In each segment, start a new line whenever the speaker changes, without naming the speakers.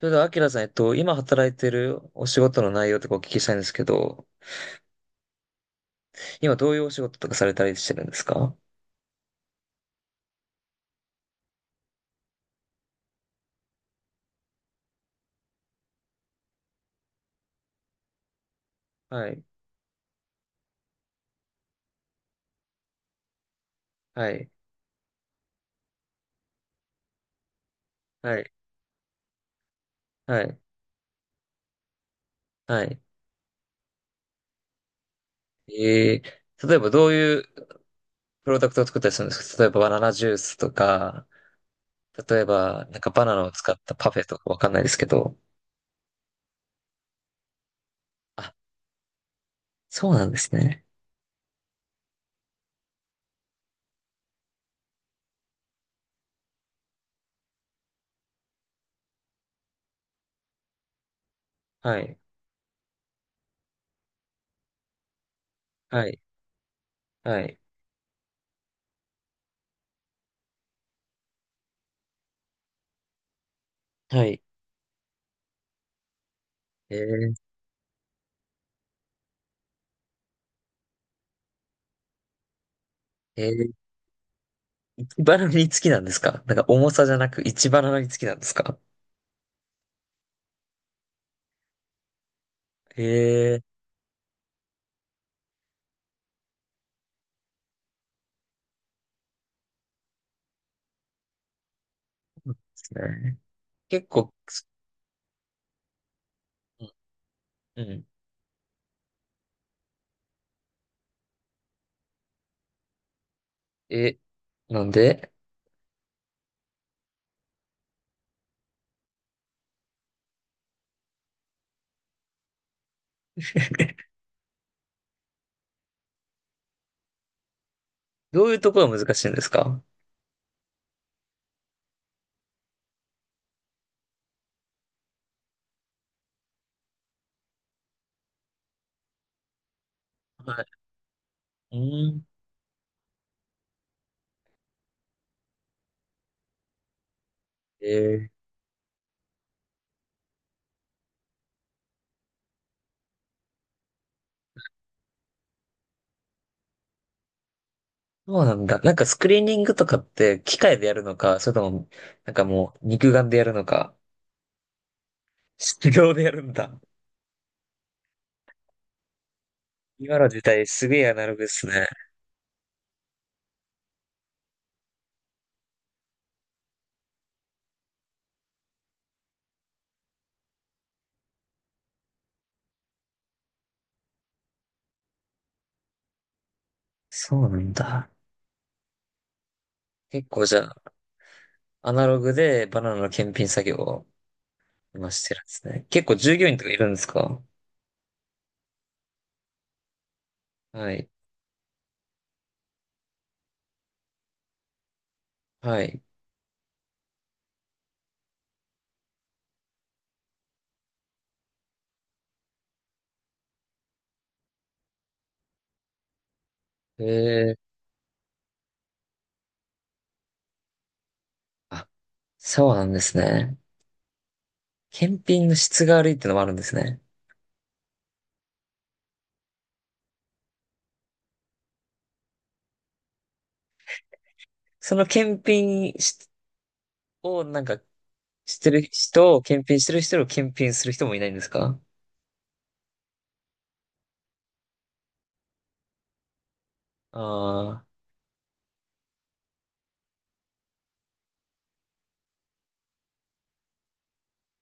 それでは、アキラさん、今働いてるお仕事の内容とかお聞きしたいんですけど、今どういうお仕事とかされたりしてるんですか？はい、はい、はい、はい、はい。えー、例えばどういうプロダクトを作ったりするんですか？例えばバナナジュースとか、例えばなんかバナナを使ったパフェとかわかんないですけど。あ、そうなんですね。はい、はい、はい、はい。えー、えー、いちバナナにつきなんですか？なんか重さじゃなく1バナナにつきなんですか？えー、そうなんですね。結構、うん。え、なんで？ どういうところが難しいんですか？はい。うん。えー、そうなんだ。なんかスクリーニングとかって機械でやるのか、それとも、なんかもう肉眼でやるのか、手動でやるんだ。今の時代すげえアナログですね。そうなんだ。結構じゃあ、アナログでバナナの検品作業を今してるんですね。結構従業員とかいるんですか？はい。はい。えー、あ、そうなんですね。検品の質が悪いってのもあるんですね。その検品しをなんかしてる人を、検品してる人を検品する人もいないんですか？ああ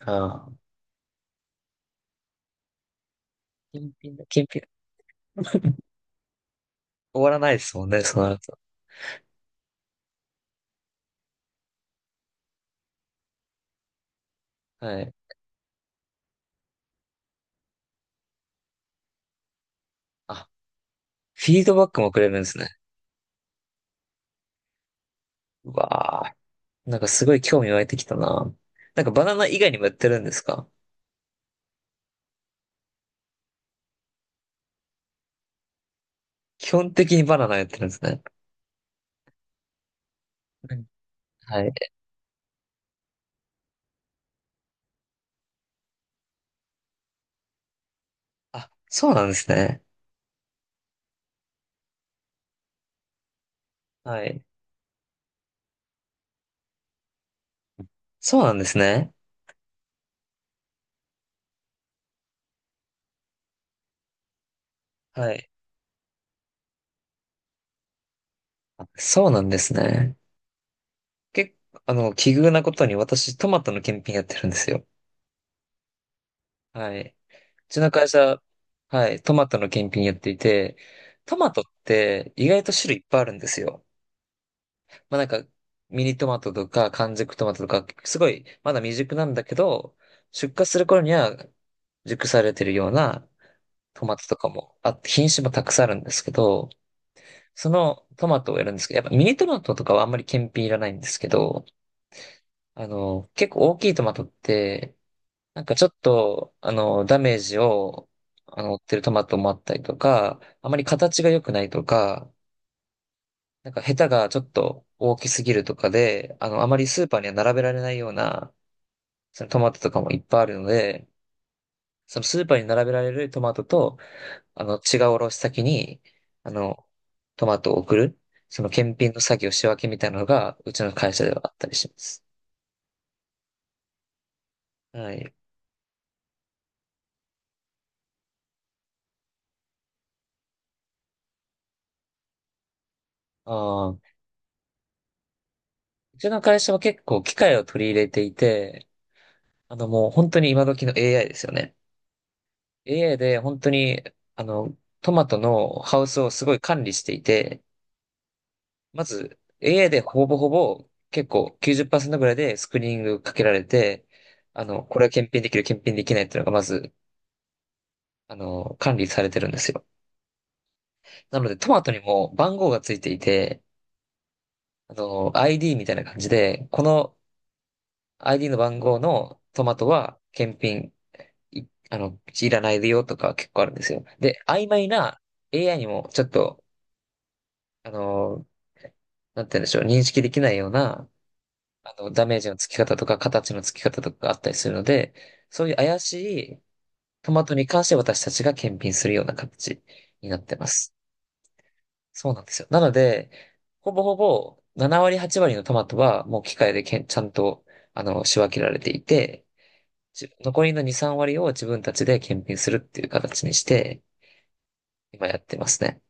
ー、あー検品だ、検品、終わらないですもんね、そうなると。はい。あ、フィードバックもくれるんですね。うわあ、なんかすごい興味湧いてきたな。なんかバナナ以外にもやってるんですか？基本的にバナナやってるんですね。うん。はい。あ、そうなんですね。はい。そうなんですね。はい。あ、そうなんですね。結構、あの、奇遇なことに私、トマトの検品やってるんですよ。はい。うちの会社、はい、トマトの検品やっていて、トマトって意外と種類いっぱいあるんですよ。まあなんか、ミニトマトとか完熟トマトとか、すごい、まだ未熟なんだけど、出荷する頃には熟されてるようなトマトとかもあって、品種もたくさんあるんですけど、そのトマトをやるんですけど、やっぱミニトマトとかはあんまり検品いらないんですけど、あの、結構大きいトマトって、なんかちょっと、あの、ダメージを、あの、負ってるトマトもあったりとか、あまり形が良くないとか、なんかヘタがちょっと大きすぎるとかで、あの、あまりスーパーには並べられないような、そのトマトとかもいっぱいあるので、そのスーパーに並べられるトマトと、あの、違う卸先に、あの、トマトを送る、その検品の作業仕分けみたいなのが、うちの会社ではあったりします。はい。ああ、うちの会社は結構機械を取り入れていて、あのもう本当に今時の AI ですよね。AI で本当に、あの、トマトのハウスをすごい管理していて、まず AI でほぼほぼ結構90%ぐらいでスクリーニングかけられて、あの、これは検品できる、検品できないっていうのがまず、あの、管理されてるんですよ。なのでトマトにも番号がついていて、あの、ID みたいな感じで、この ID の番号のトマトは検品、いあの、いらないでよとか結構あるんですよ。で、曖昧な AI にもちょっと、あの、なんて言うんでしょう、認識できないような、あの、ダメージの付き方とか、形の付き方とかがあったりするので、そういう怪しいトマトに関して私たちが検品するような形になってます。そうなんですよ。なので、ほぼほぼ7割、8割のトマトはもう機械でけん、ちゃんと、あの、仕分けられていて、じ残りの2、3割を自分たちで検品するっていう形にして、今やってますね。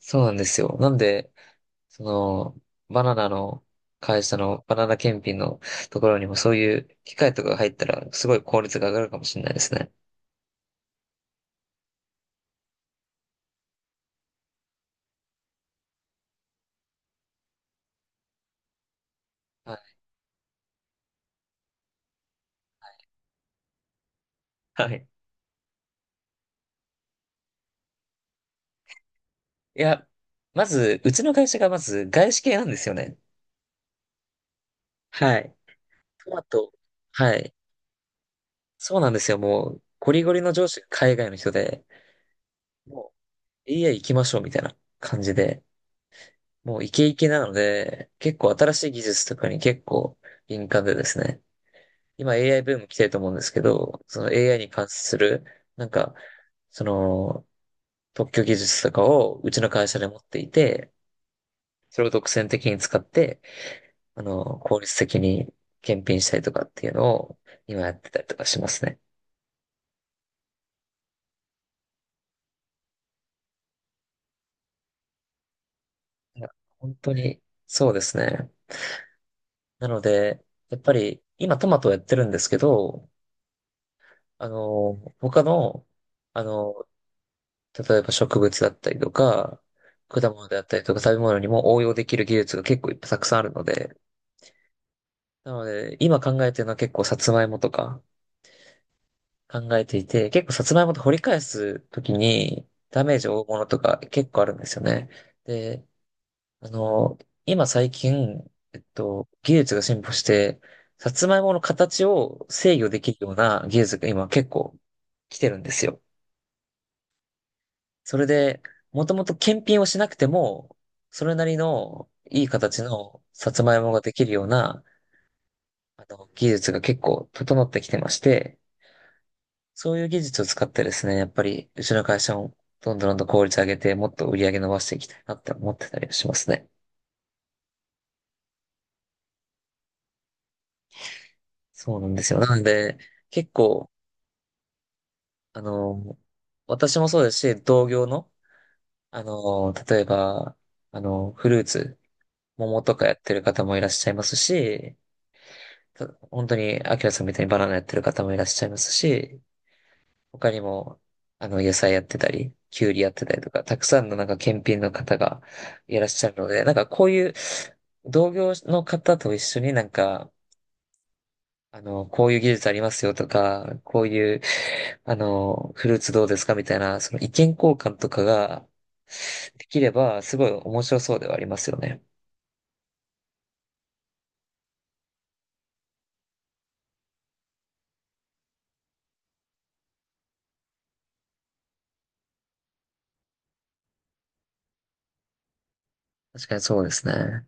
そうなんですよ。なんで、その、バナナの会社のバナナ検品のところにもそういう機械とかが入ったら、すごい効率が上がるかもしれないですね。はいはい。いや、まず、うちの会社がまず外資系なんですよね。はい。トマト。はい。そうなんですよ。もう、ゴリゴリの上司が海外の人で、もう AI 行きましょうみたいな感じで、もうイケイケなので、結構新しい技術とかに結構敏感でですね。今 AI ブーム来てると思うんですけど、その AI に関する、なんか、その、特許技術とかをうちの会社で持っていて、それを独占的に使って、あの、効率的に検品したりとかっていうのを今やってたりとかしますね。いや本当に、そうですね。なので、やっぱり、今トマトをやってるんですけど、あの、他の、あの、例えば植物だったりとか、果物であったりとか食べ物にも応用できる技術が結構いっぱいたくさんあるので、なので、今考えてるのは結構さつまいもとか考えていて、結構さつまいもって掘り返すときにダメージを負うものとか結構あるんですよね。で、あの、今最近、技術が進歩して、さつまいもの形を制御できるような技術が今結構来てるんですよ。それで、もともと検品をしなくても、それなりのいい形のさつまいもができるような、あの、技術が結構整ってきてまして、そういう技術を使ってですね、やっぱり、うちの会社もどんどんどんどん効率上げて、もっと売り上げ伸ばしていきたいなって思ってたりしますね。そうなんですよ。なので、結構、あの、私もそうですし、同業の、あの、例えば、あの、フルーツ、桃とかやってる方もいらっしゃいますし、た本当に、アキラさんみたいにバナナやってる方もいらっしゃいますし、他にも、あの、野菜やってたり、キュウリやってたりとか、たくさんのなんか検品の方がいらっしゃるので、なんかこういう同業の方と一緒になんか、あの、こういう技術ありますよとか、こういう、あの、フルーツどうですかみたいな、その意見交換とかができれば、すごい面白そうではありますよね。確かにそうですね。